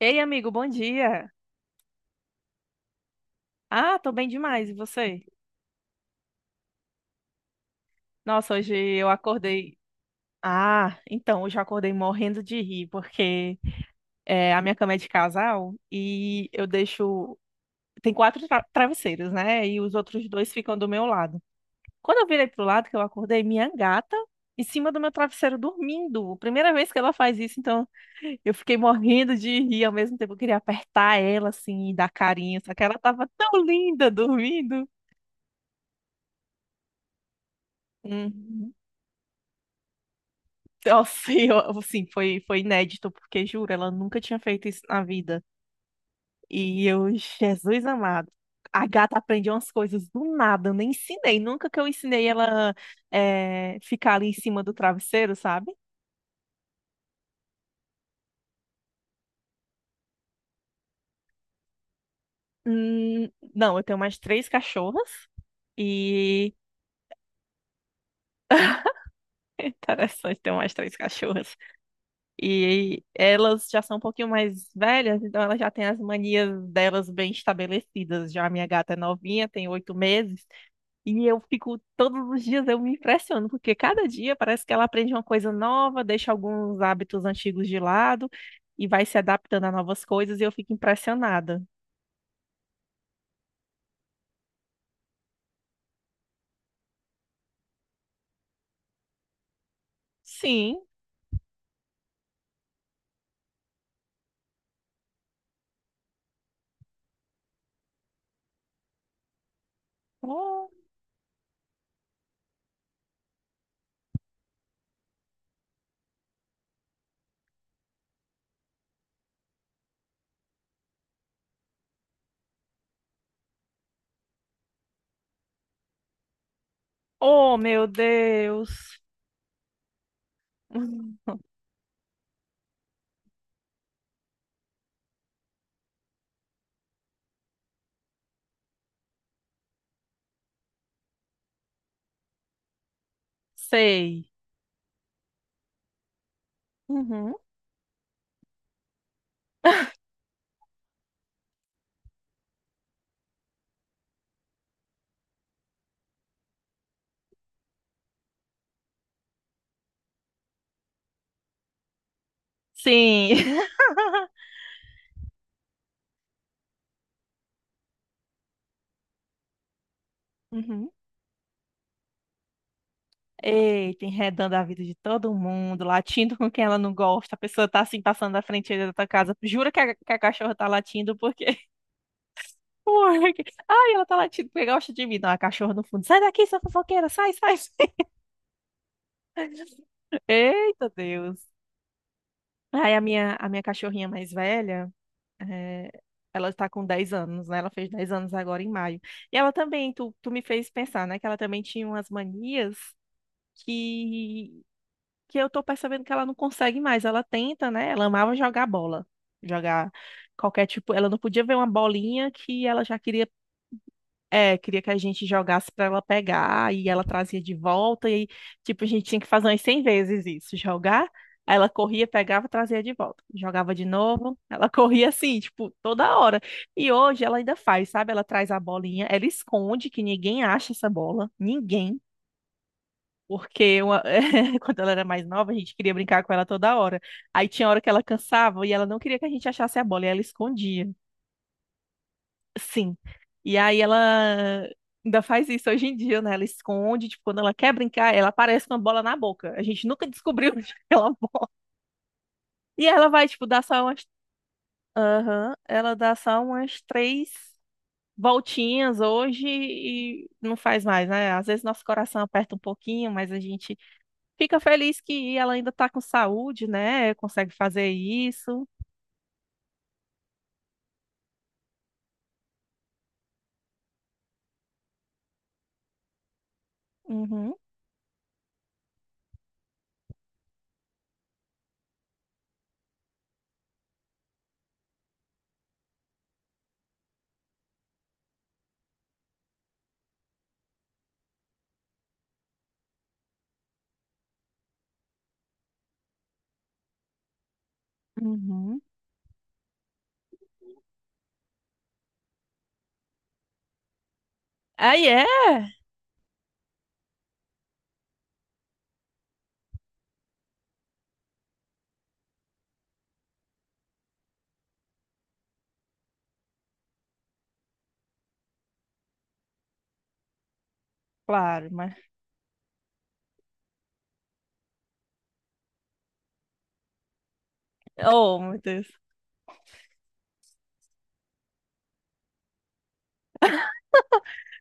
Ei, amigo, bom dia. Ah, tô bem demais. E você? Nossa, hoje eu acordei. Ah, então, hoje eu acordei morrendo de rir, porque a minha cama é de casal e eu deixo. Tem quatro travesseiros, né? E os outros dois ficam do meu lado. Quando eu virei pro lado que eu acordei, minha gata em cima do meu travesseiro dormindo. Primeira vez que ela faz isso, então eu fiquei morrendo de rir. Ao mesmo tempo, eu queria apertar ela, assim, e dar carinho, só que ela tava tão linda dormindo. Uhum. Nossa, e eu, assim, foi inédito, porque juro, ela nunca tinha feito isso na vida. E eu, Jesus amado, a gata aprende umas coisas do nada, eu nem ensinei, nunca que eu ensinei ela ficar ali em cima do travesseiro, sabe? Não, eu tenho mais três cachorras e. Interessante, tenho mais três cachorras. E elas já são um pouquinho mais velhas, então elas já têm as manias delas bem estabelecidas. Já a minha gata é novinha, tem 8 meses. E eu fico, todos os dias eu me impressiono, porque cada dia parece que ela aprende uma coisa nova, deixa alguns hábitos antigos de lado e vai se adaptando a novas coisas e eu fico impressionada. Sim. Oh, oh, meu Deus. Uhum. Sei. Uhum. Sim. Uhum. Eita, enredando a vida de todo mundo, latindo com quem ela não gosta. A pessoa tá assim passando na frente da tua casa. Jura que a cachorra tá latindo porque. Porra, ai, ela tá latindo, pegar o de mim, não, a cachorra no fundo. Sai daqui, sua fofoqueira, sai, sai. Eita, Deus. Aí a minha cachorrinha mais velha, eh, ela está com 10 anos, né? Ela fez 10 anos agora em maio. E ela também, tu me fez pensar, né? Que ela também tinha umas manias que, que eu tô percebendo que ela não consegue mais. Ela tenta, né? Ela amava jogar bola. Jogar qualquer tipo. Ela não podia ver uma bolinha que ela já queria que a gente jogasse para ela pegar e ela trazia de volta e tipo a gente tinha que fazer umas 100 vezes isso, jogar, aí ela corria, pegava, trazia de volta, jogava de novo, ela corria assim, tipo, toda hora. E hoje ela ainda faz, sabe? Ela traz a bolinha, ela esconde que ninguém acha essa bola, ninguém. Porque quando ela era mais nova, a gente queria brincar com ela toda hora. Aí tinha hora que ela cansava e ela não queria que a gente achasse a bola, e ela escondia. Sim. E aí ela ainda faz isso hoje em dia, né? Ela esconde, tipo, quando ela quer brincar, ela aparece com a bola na boca. A gente nunca descobriu onde ela bola. E ela vai, tipo, dar só umas. Aham. Ela dá só umas três voltinhas hoje e não faz mais, né? Às vezes nosso coração aperta um pouquinho, mas a gente fica feliz que ela ainda tá com saúde, né? Consegue fazer isso. Uhum. Uhum. Aí é, claro, mas. Oh, meu Deus.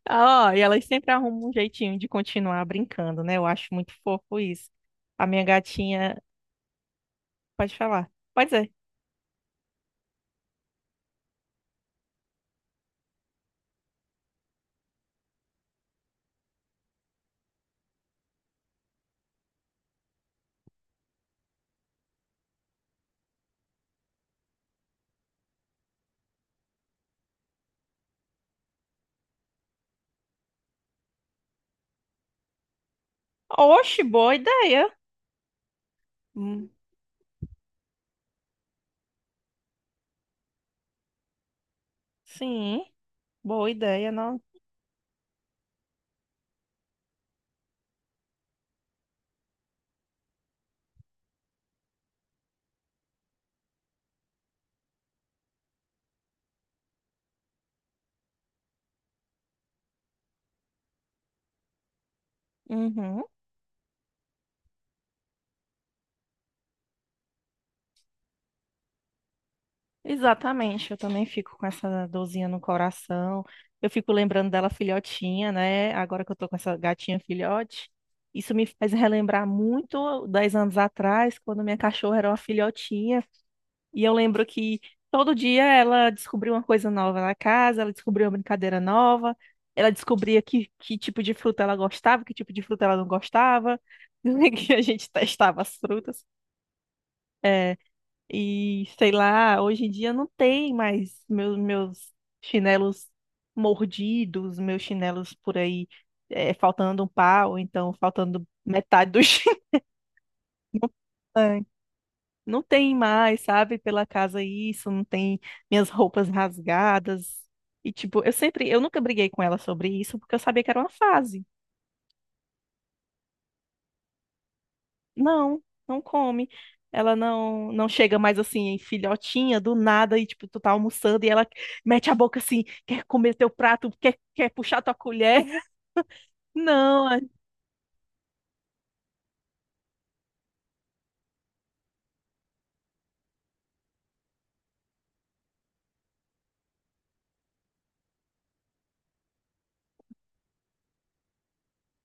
Ah, e elas sempre arrumam um jeitinho de continuar brincando, né? Eu acho muito fofo isso. A minha gatinha pode falar. Pode dizer. Oxe, boa ideia. Hum, sim, boa ideia, não. Uhum, exatamente. Eu também fico com essa dorzinha no coração. Eu fico lembrando dela filhotinha, né? Agora que eu tô com essa gatinha filhote. Isso me faz relembrar muito 10 anos atrás, quando minha cachorra era uma filhotinha. E eu lembro que todo dia ela descobria uma coisa nova na casa, ela descobria uma brincadeira nova, ela descobria que tipo de fruta ela gostava, que tipo de fruta ela não gostava, que a gente testava as frutas. É, e sei lá, hoje em dia não tem mais meus chinelos mordidos, meus chinelos por aí faltando um pau, então faltando metade do chinelo. Não tem mais, sabe, pela casa isso, não tem minhas roupas rasgadas. E tipo, eu sempre, eu nunca briguei com ela sobre isso, porque eu sabia que era uma fase. Não, não come. Ela não chega mais assim, em filhotinha, do nada, e tipo, tu tá almoçando e ela mete a boca assim, quer comer teu prato, quer, puxar tua colher. Não,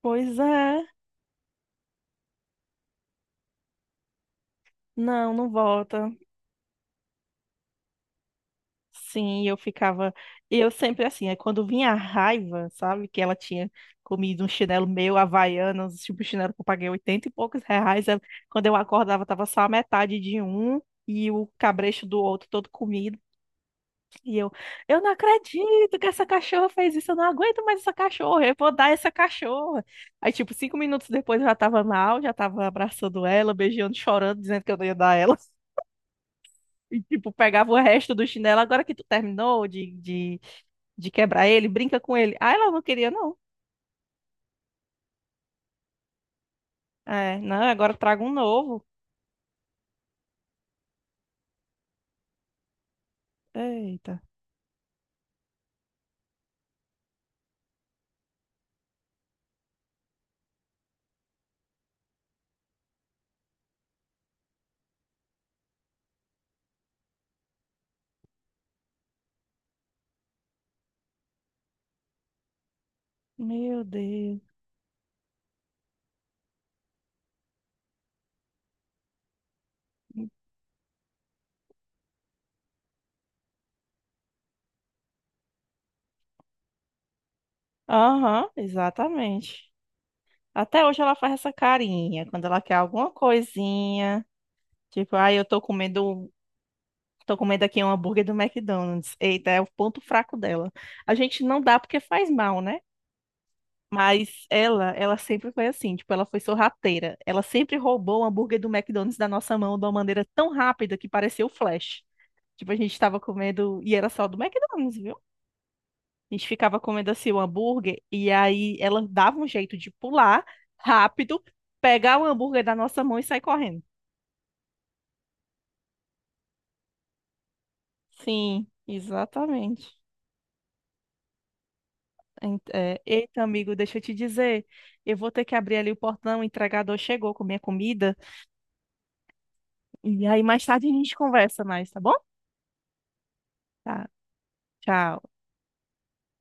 pois é. Não, não volta. Sim, eu ficava. Eu sempre assim, é quando vinha a raiva, sabe? Que ela tinha comido um chinelo meu, Havaianas, tipo chinelo que eu paguei 80 e poucos reais. Quando eu acordava, tava só a metade de um e o cabresto do outro todo comido. E eu não acredito que essa cachorra fez isso, eu não aguento mais essa cachorra, eu vou dar essa cachorra. Aí, tipo, 5 minutos depois eu já tava mal, já tava abraçando ela, beijando, chorando, dizendo que eu não ia dar ela. E, tipo, pegava o resto do chinelo. Agora que tu terminou de quebrar ele, brinca com ele. Ah, ela não queria, não. É, não, agora traga um novo. Eita, meu Deus. Aham, exatamente. Até hoje ela faz essa carinha quando ela quer alguma coisinha. Tipo, ah, eu tô comendo aqui um hambúrguer do McDonald's. Eita, é o ponto fraco dela. A gente não dá porque faz mal, né? Mas ela sempre foi assim, tipo, ela foi sorrateira. Ela sempre roubou o hambúrguer do McDonald's da nossa mão de uma maneira tão rápida que parecia o Flash. Tipo, a gente tava comendo, e era só do McDonald's, viu? A gente ficava comendo assim o hambúrguer, e aí ela dava um jeito de pular rápido, pegar o hambúrguer da nossa mão e sair correndo. Sim, exatamente. Eita, amigo, deixa eu te dizer, eu vou ter que abrir ali o portão, o entregador chegou com minha comida, e aí mais tarde a gente conversa mais, tá bom? Tá, tchau.